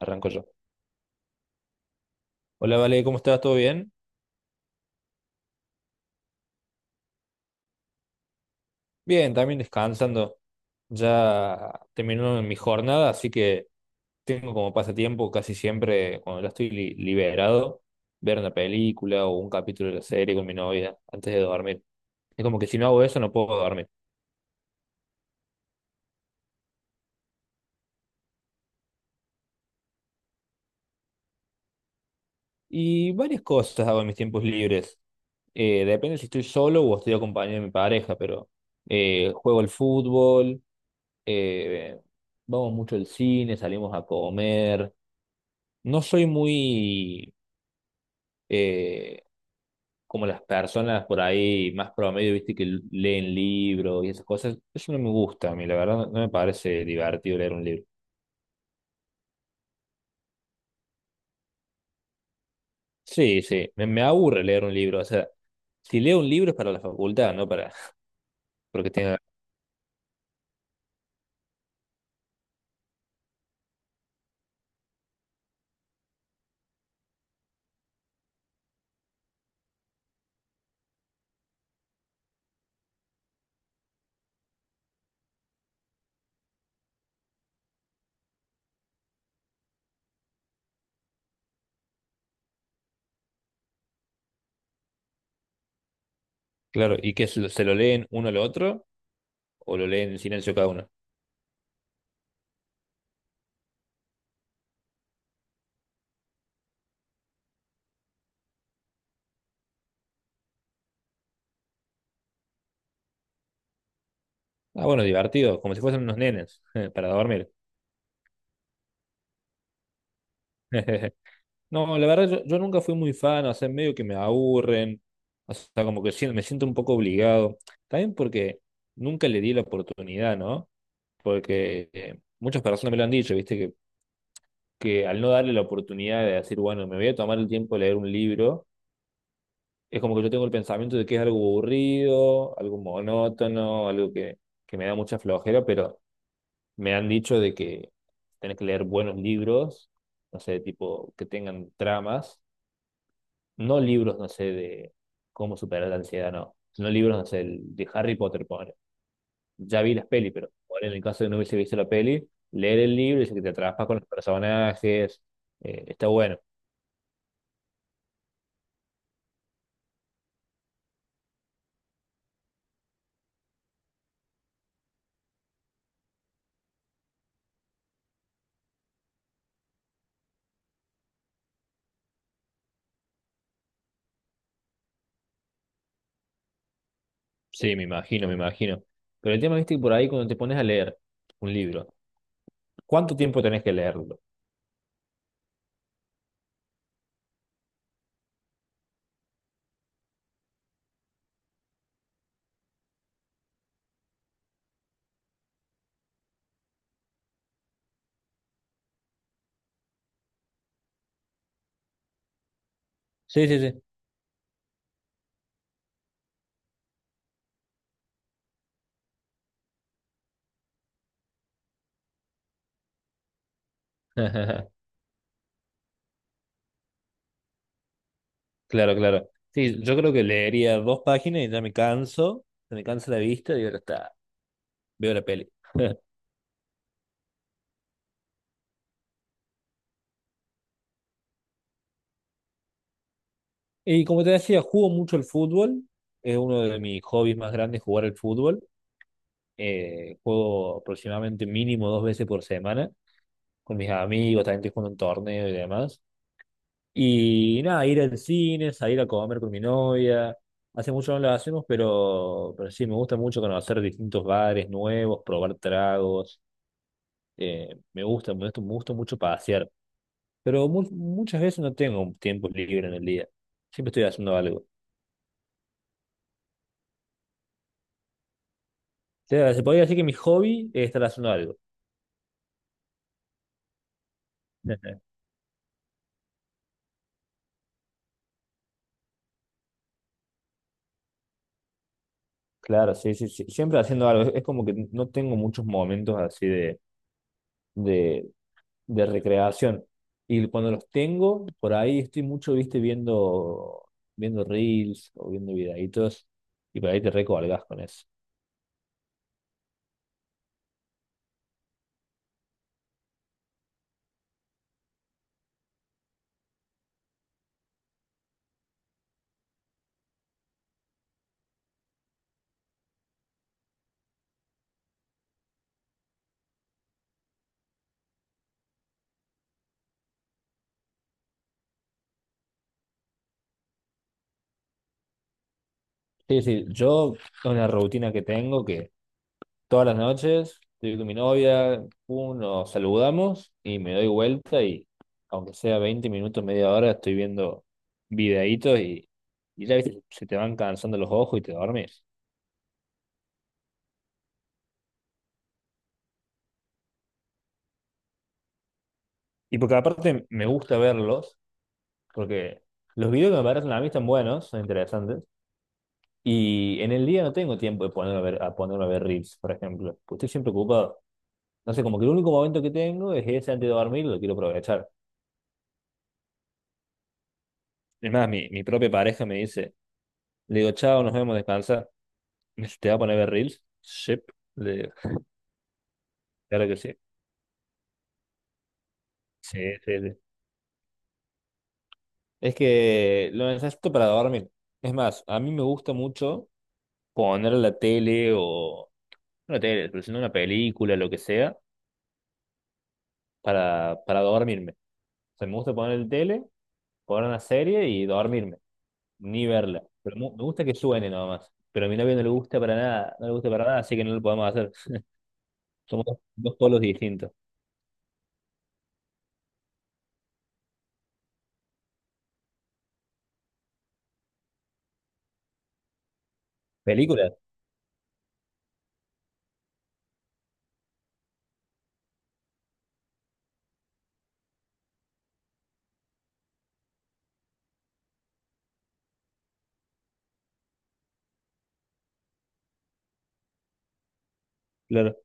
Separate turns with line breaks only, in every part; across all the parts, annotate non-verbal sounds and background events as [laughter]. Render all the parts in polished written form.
Arranco yo. Hola, Vale, ¿cómo estás? ¿Todo bien? Bien, también descansando. Ya terminó mi jornada, así que tengo como pasatiempo casi siempre, cuando ya estoy liberado, ver una película o un capítulo de la serie con mi novia antes de dormir. Es como que si no hago eso no puedo dormir. Y varias cosas hago en mis tiempos libres. Depende si estoy solo o estoy acompañado de mi pareja, pero juego al fútbol, eh, vamos mucho al cine, salimos a comer. No soy muy eh, como las personas por ahí más promedio, viste, que leen libros y esas cosas. Eso no me gusta a mí, la verdad, no me parece divertido leer un libro. Sí, sí, me aburre leer un libro. O sea, si leo un libro es para la facultad, no para [laughs] porque tenga. Claro, ¿y que se lo leen uno al otro o lo leen en silencio cada uno? Ah, bueno, divertido, como si fuesen unos nenes, [laughs] para dormir. [laughs] No, la verdad yo nunca fui muy fan, o sea, medio que me aburren, o sea, como que siento me siento un poco obligado, también porque nunca le di la oportunidad, ¿no? Porque muchas personas me lo han dicho, ¿viste? Que al no darle la oportunidad de decir, bueno, me voy a tomar el tiempo de leer un libro, es como que yo tengo el pensamiento de que es algo aburrido, algo monótono, que me da mucha flojera, pero me han dicho de que tenés que leer buenos libros, no sé, tipo, que tengan tramas no libros, no sé, de cómo superar la ansiedad, no, no libros, no sé, de Harry Potter, pobre. Ya vi las pelis, pero pobre, en el caso de no hubiese visto la peli, leer el libro, dice que te atrapas con los personajes, está bueno. Sí, me imagino, me imagino. Pero el tema, viste, que por ahí cuando te pones a leer un libro, ¿cuánto tiempo tenés que leerlo? Sí, sí, sí. [laughs] Claro, claro. Sí, yo creo que leería dos páginas y ya me canso, me cansa la vista y ahora está, veo la peli. [laughs] Y como te decía, juego mucho el fútbol. Es uno de mis hobbies más grandes jugar el fútbol. Juego aproximadamente mínimo dos veces por semana con mis amigos, también estoy jugando un torneo y demás. Y nada, ir al cine, salir a comer con mi novia. Hace mucho no lo hacemos, pero sí, me gusta mucho conocer distintos bares nuevos, probar tragos. Me gusta mucho pasear. Pero muchas veces no tengo tiempo libre en el día. Siempre estoy haciendo algo. Sea, se podría decir que mi hobby es estar haciendo algo. [laughs] Claro, sí, sí, sí. Siempre haciendo algo. Es como que no tengo muchos momentos así de, de recreación. Y cuando los tengo, por ahí estoy mucho, viste, viendo reels o viendo videitos. Y por ahí te recolgas con eso. Sí, sí, yo una rutina que tengo todas las noches estoy con mi novia, pum, nos saludamos y me doy vuelta y aunque sea 20 minutos, media hora, estoy viendo videitos y, y ya viste, se te van cansando los ojos y te dormís. Y porque aparte me gusta verlos, porque los videos que me parecen a mí están buenos, son interesantes, y en el día no tengo tiempo de ponerme a ver, a ponerme a ver reels, por ejemplo, porque estoy siempre ocupado. No sé, como que el único momento que tengo es ese antes de dormir, lo quiero aprovechar. Es más, mi propia pareja me dice, le digo, chao, nos vemos, descansa. Te va a poner a ver Reels. Sí, le- claro que sí. Sí, sí, sí. Es que lo necesito para dormir. Es más, a mí me gusta mucho poner la tele o... No la tele, pero sino una película, lo que sea, para dormirme. O sea, me gusta poner la tele, poner una serie y dormirme, ni verla. Pero me gusta que suene nada más. Pero a mi novio no le gusta para nada, no le gusta para nada, así que no lo podemos hacer. Somos dos polos distintos. ¿Películas? Claro.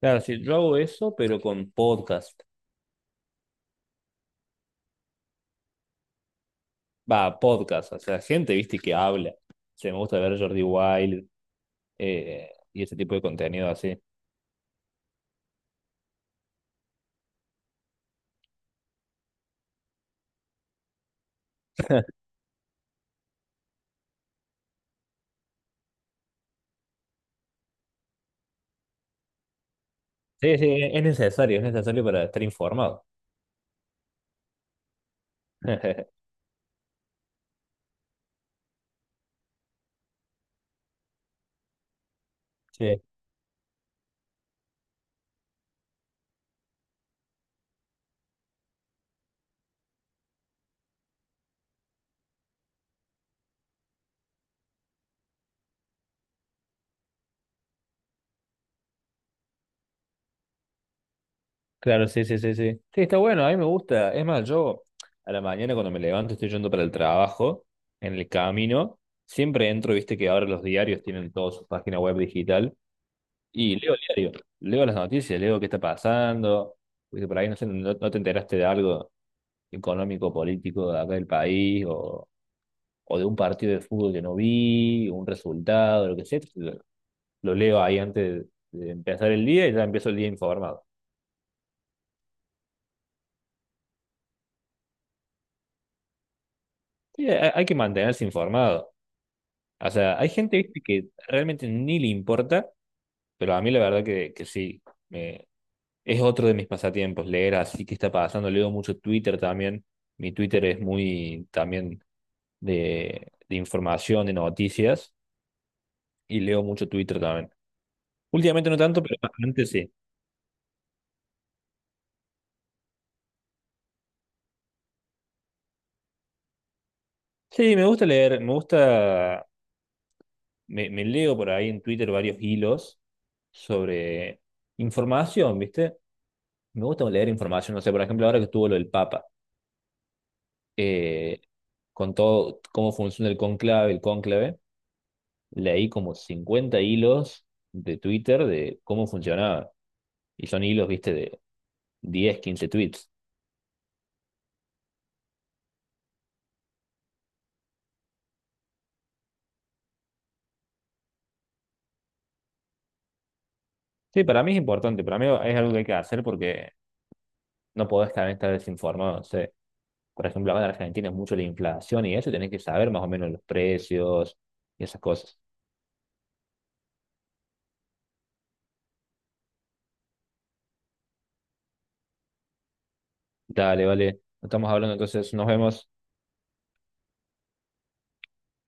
Claro, sí, yo hago eso, pero con podcast. Va, podcast, o sea, gente, viste, que habla. Se me gusta ver Jordi Wild y ese tipo de contenido así. Sí, sí, es necesario para estar informado. [laughs] Sí, claro, sí, sí, sí, sí. Sí, está bueno, a mí me gusta. Es más, yo a la mañana cuando me levanto estoy yendo para el trabajo, en el camino, siempre entro, viste que ahora los diarios tienen toda su página web digital y leo el diario, leo las noticias, leo qué está pasando, viste, por ahí no sé, no te enteraste de algo económico, político de acá del país o de un partido de fútbol que no vi, un resultado, lo que sea. Lo leo ahí antes de empezar el día y ya empiezo el día informado. Sí, hay que mantenerse informado. O sea, hay gente, viste, que realmente ni le importa, pero a mí la verdad que sí. me- es otro de mis pasatiempos, leer así que está pasando. Leo mucho Twitter también. Mi Twitter es muy también de información, de noticias, y leo mucho Twitter también. Últimamente no tanto, pero antes sí. Sí, me gusta leer, me leo por ahí en Twitter varios hilos sobre información, ¿viste? Me gusta leer información, no sé, por ejemplo, ahora que estuvo lo del Papa, eh, con todo cómo funciona el cónclave, leí como 50 hilos de Twitter de cómo funcionaba. Y son hilos, ¿viste? De 10, 15 tweets. Sí, para mí es importante, para mí es algo que hay que hacer porque no podés estar desinformado, por ejemplo, acá en Argentina es mucho la inflación y eso, y tenés que saber más o menos los precios y esas cosas. Dale, vale. Estamos hablando entonces, nos vemos.